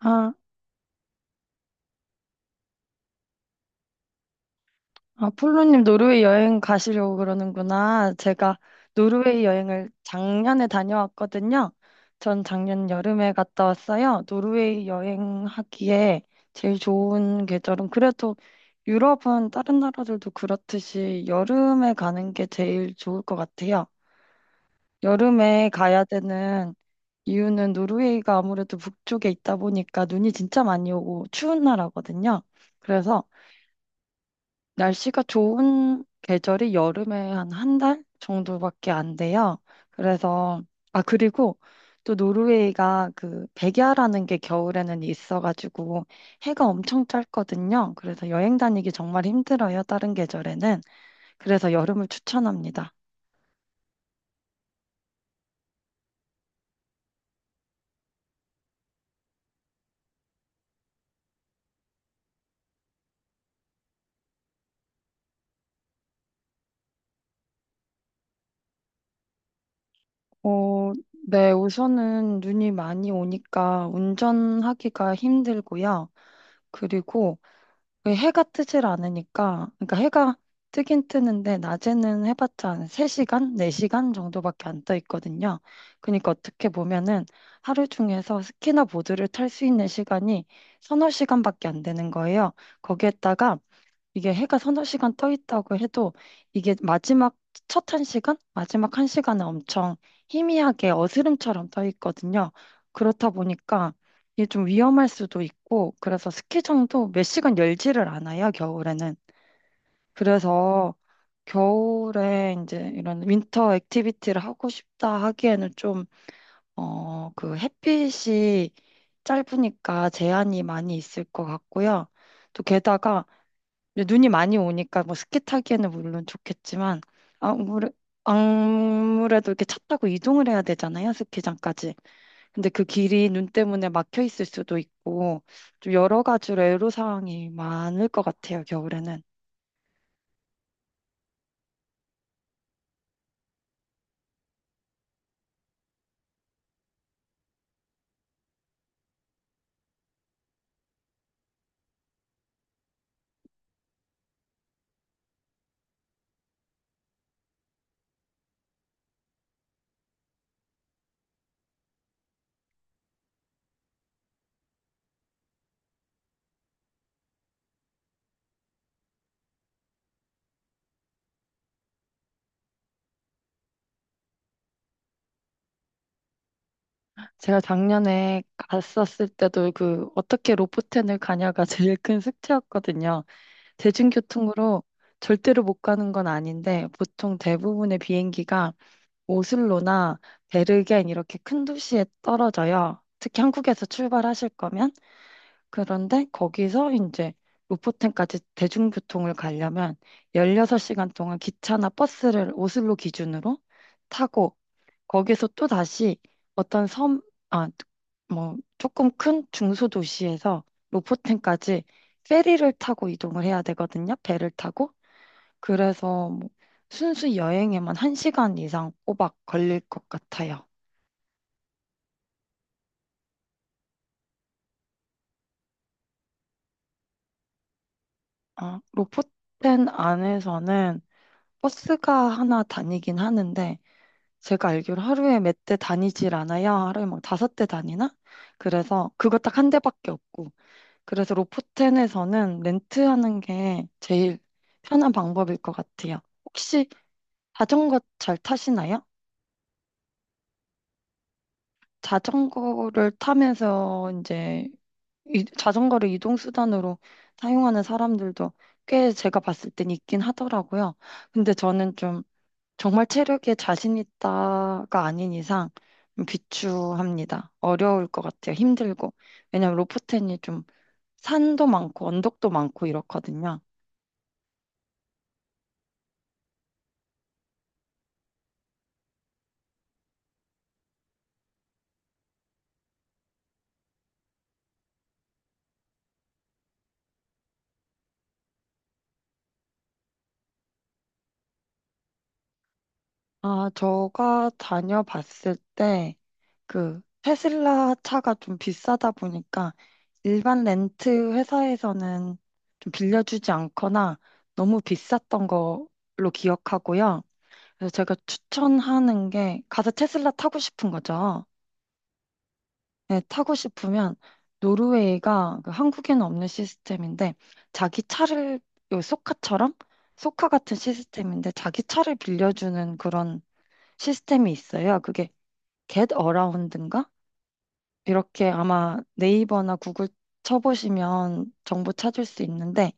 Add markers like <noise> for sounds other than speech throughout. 아, 아, 폴로님 노르웨이 여행 가시려고 그러는구나. 제가 노르웨이 여행을 작년에 다녀왔거든요. 전 작년 여름에 갔다 왔어요. 노르웨이 여행하기에 제일 좋은 계절은 그래도 유럽은 다른 나라들도 그렇듯이 여름에 가는 게 제일 좋을 것 같아요. 여름에 가야 되는 이유는 노르웨이가 아무래도 북쪽에 있다 보니까 눈이 진짜 많이 오고 추운 나라거든요. 그래서 날씨가 좋은 계절이 여름에 한 한 달 정도밖에 안 돼요. 그래서, 아, 그리고 또 노르웨이가 그 백야라는 게 겨울에는 있어가지고 해가 엄청 짧거든요. 그래서 여행 다니기 정말 힘들어요. 다른 계절에는. 그래서 여름을 추천합니다. 어, 네, 우선은 눈이 많이 오니까 운전하기가 힘들고요. 그리고 왜 해가 뜨질 않으니까, 그러니까 해가 뜨긴 뜨는데, 낮에는 해봤자 한 3시간, 4시간 정도밖에 안 떠 있거든요. 그러니까 어떻게 보면은 하루 중에서 스키나 보드를 탈 수 있는 시간이 서너 시간밖에 안 되는 거예요. 거기에다가 이게 해가 서너 시간 떠 있다고 해도 이게 마지막 첫 한 시간? 마지막 한 시간은 엄청 희미하게 어스름처럼 떠 있거든요. 그렇다 보니까 이게 좀 위험할 수도 있고 그래서 스키장도 몇 시간 열지를 않아요, 겨울에는. 그래서 겨울에 이제 이런 윈터 액티비티를 하고 싶다 하기에는 좀, 어, 그 햇빛이 짧으니까 제한이 많이 있을 것 같고요. 또 게다가 이제 눈이 많이 오니까 뭐 스키 타기에는 물론 좋겠지만 아무래, 아무래도 이렇게 차 타고 이동을 해야 되잖아요, 스키장까지. 근데 그 길이 눈 때문에 막혀 있을 수도 있고 좀 여러 가지로 애로사항이 많을 것 같아요, 겨울에는. 제가 작년에 갔었을 때도 그 어떻게 로포텐을 가냐가 <laughs> 제일 큰 숙제였거든요. 대중교통으로 절대로 못 가는 건 아닌데 보통 대부분의 비행기가 오슬로나 베르겐 이렇게 큰 도시에 떨어져요. 특히 한국에서 출발하실 거면. 그런데 거기서 이제 로포텐까지 대중교통을 가려면 16시간 동안 기차나 버스를 오슬로 기준으로 타고 거기서 또 다시 어떤 섬, 아, 뭐 조금 큰 중소도시에서 로포텐까지 페리를 타고 이동을 해야 되거든요. 배를 타고. 그래서 뭐 순수 여행에만 1시간 이상 꼬박 걸릴 것 같아요. 아, 로포텐 안에서는 버스가 하나 다니긴 하는데 제가 알기로 하루에 몇 대 다니질 않아요. 하루에 막 다섯 대 다니나? 그래서 그거 딱 한 대밖에 없고 그래서 로포텐에서는 렌트하는 게 제일 편한 방법일 것 같아요. 혹시 자전거 잘 타시나요? 자전거를 타면서 이제 자전거를 이동 수단으로 사용하는 사람들도 꽤 제가 봤을 땐 있긴 하더라고요. 근데 저는 좀 정말 체력에 자신 있다가 아닌 이상 좀 비추합니다. 어려울 것 같아요. 힘들고. 왜냐면 로프텐이 좀 산도 많고 언덕도 많고 이렇거든요. 아, 제가 다녀봤을 때 그 테슬라 차가 좀 비싸다 보니까 일반 렌트 회사에서는 좀 빌려주지 않거나 너무 비쌌던 걸로 기억하고요. 그래서 제가 추천하는 게 가서 테슬라 타고 싶은 거죠. 네, 타고 싶으면 노르웨이가 그 한국에는 없는 시스템인데 자기 차를 요 소카처럼 소카 같은 시스템인데 자기 차를 빌려주는 그런 시스템이 있어요. 그게 겟 어라운드인가? 이렇게 아마 네이버나 구글 쳐보시면 정보 찾을 수 있는데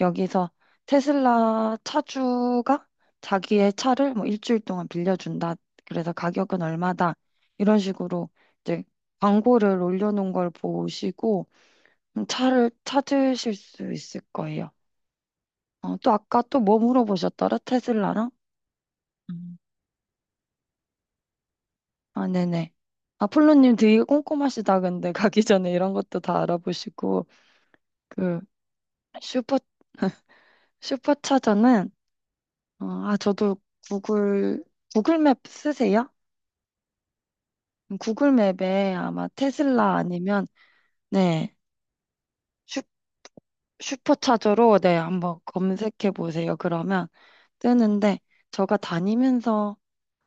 여기서 테슬라 차주가 자기의 차를 뭐 일주일 동안 빌려준다. 그래서 가격은 얼마다. 이런 식으로 이제 광고를 올려놓은 걸 보시고 차를 찾으실 수 있을 거예요. 어, 또 아까 또 뭐 물어보셨더라? 테슬라랑? 음. 아, 네네. 아, 폴로님 되게 꼼꼼하시다. 근데 <laughs> 가기 전에 이런 것도 다 알아보시고 그 슈퍼 <laughs> 슈퍼차저는 어, 아 저도 구글 구글맵 쓰세요? 구글맵에 아마 테슬라 아니면 네 슈, 슈퍼차저로 네 한번 검색해 보세요. 그러면 뜨는데 제가 다니면서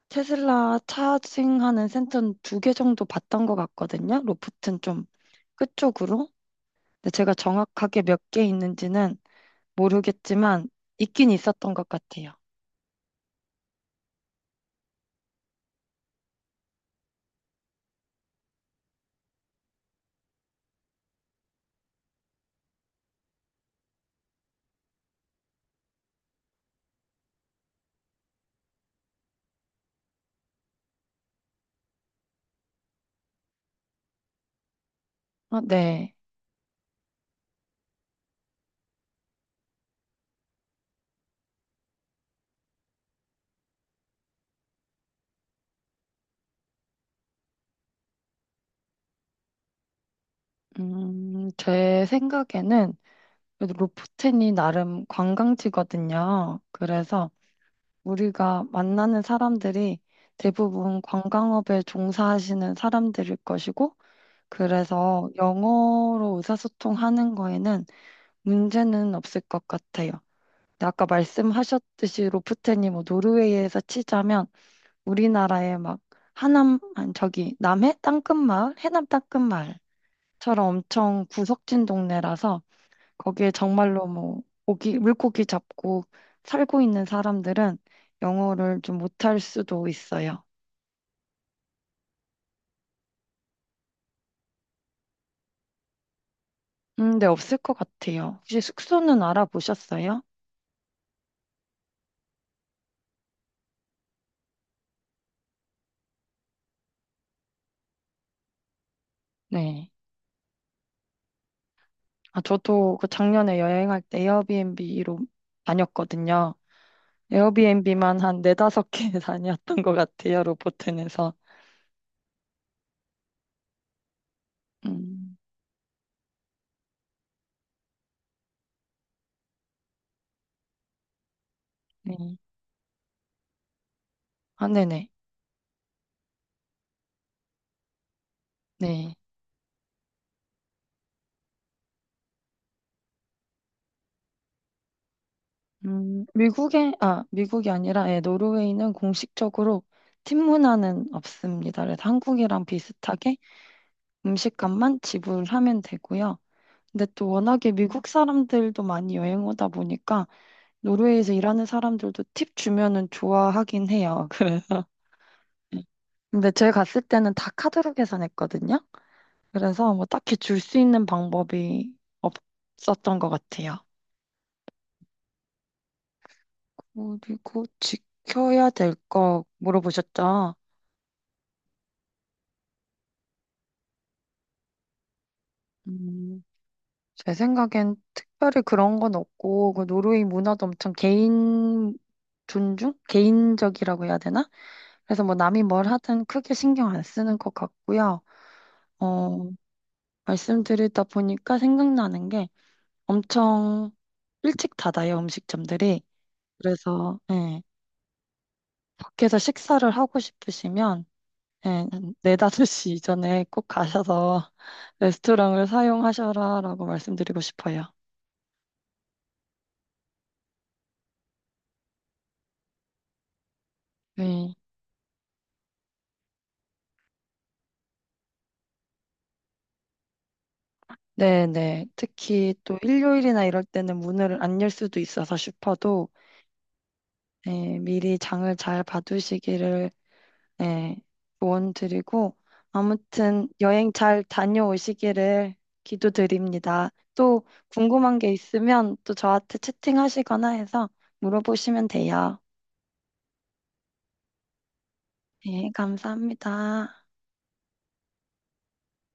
테슬라 차징하는 센터는 두 개 정도 봤던 것 같거든요. 로프트는 좀 끝쪽으로. 근데 제가 정확하게 몇 개 있는지는 모르겠지만 있긴 있었던 것 같아요. 아, 네. 제 생각에는 그래도 로프텐이 나름 관광지거든요. 그래서 우리가 만나는 사람들이 대부분 관광업에 종사하시는 사람들일 것이고, 그래서 영어로 의사소통하는 거에는 문제는 없을 것 같아요. 근데 아까 말씀하셨듯이 로프텐이 뭐 노르웨이에서 치자면 우리나라의 막 하남, 아니 저기 남해 땅끝마을, 해남 땅끝마을처럼 엄청 구석진 동네라서 거기에 정말로 뭐 고기, 물고기 잡고 살고 있는 사람들은 영어를 좀 못할 수도 있어요. 네, 없을 것 같아요. 혹시 숙소는 알아보셨어요? 네. 아, 저도 그 작년에 여행할 때 에어비앤비로 다녔거든요. 에어비앤비만 한 네다섯 개 <laughs> 다녔던 것 같아요, 로보튼에서. 음, 네. 아, 네네. 네. 미국이 아니라, 예, 노르웨이는 공식적으로 팀 문화는 없습니다. 그래서 한국이랑 비슷하게 음식값만 지불하면 되고요. 근데 또 워낙에 미국 사람들도 많이 여행 오다 보니까 노르웨이에서 일하는 사람들도 팁 주면은 좋아하긴 해요. <laughs> 그래서. 근데 제가 갔을 때는 다 카드로 계산했거든요. 그래서 뭐 딱히 줄 수 있는 방법이 없었던 것 같아요. 그리고 지켜야 될 거 물어보셨죠? 음, 제 생각엔 특별히 그런 건 없고, 그 노르웨이 문화도 엄청 개인 존중? 개인적이라고 해야 되나? 그래서 뭐 남이 뭘 하든 크게 신경 안 쓰는 것 같고요. 어, 말씀 드리다 보니까 생각나는 게 엄청 일찍 닫아요, 음식점들이. 그래서, 예, 밖에서 식사를 하고 싶으시면, 예, 네 4, 5시 이전에 꼭 가셔서 <laughs> 레스토랑을 사용하셔라라고 말씀드리고 싶어요. 네. 네네. 특히 또 일요일이나 이럴 때는 문을 안 열 수도 있어서 슈퍼도 예, 미리 장을 잘 봐두시기를 예, 조언 드리고 아무튼 여행 잘 다녀오시기를 기도드립니다. 또 궁금한 게 있으면 또 저한테 채팅하시거나 해서 물어보시면 돼요. 예, 감사합니다.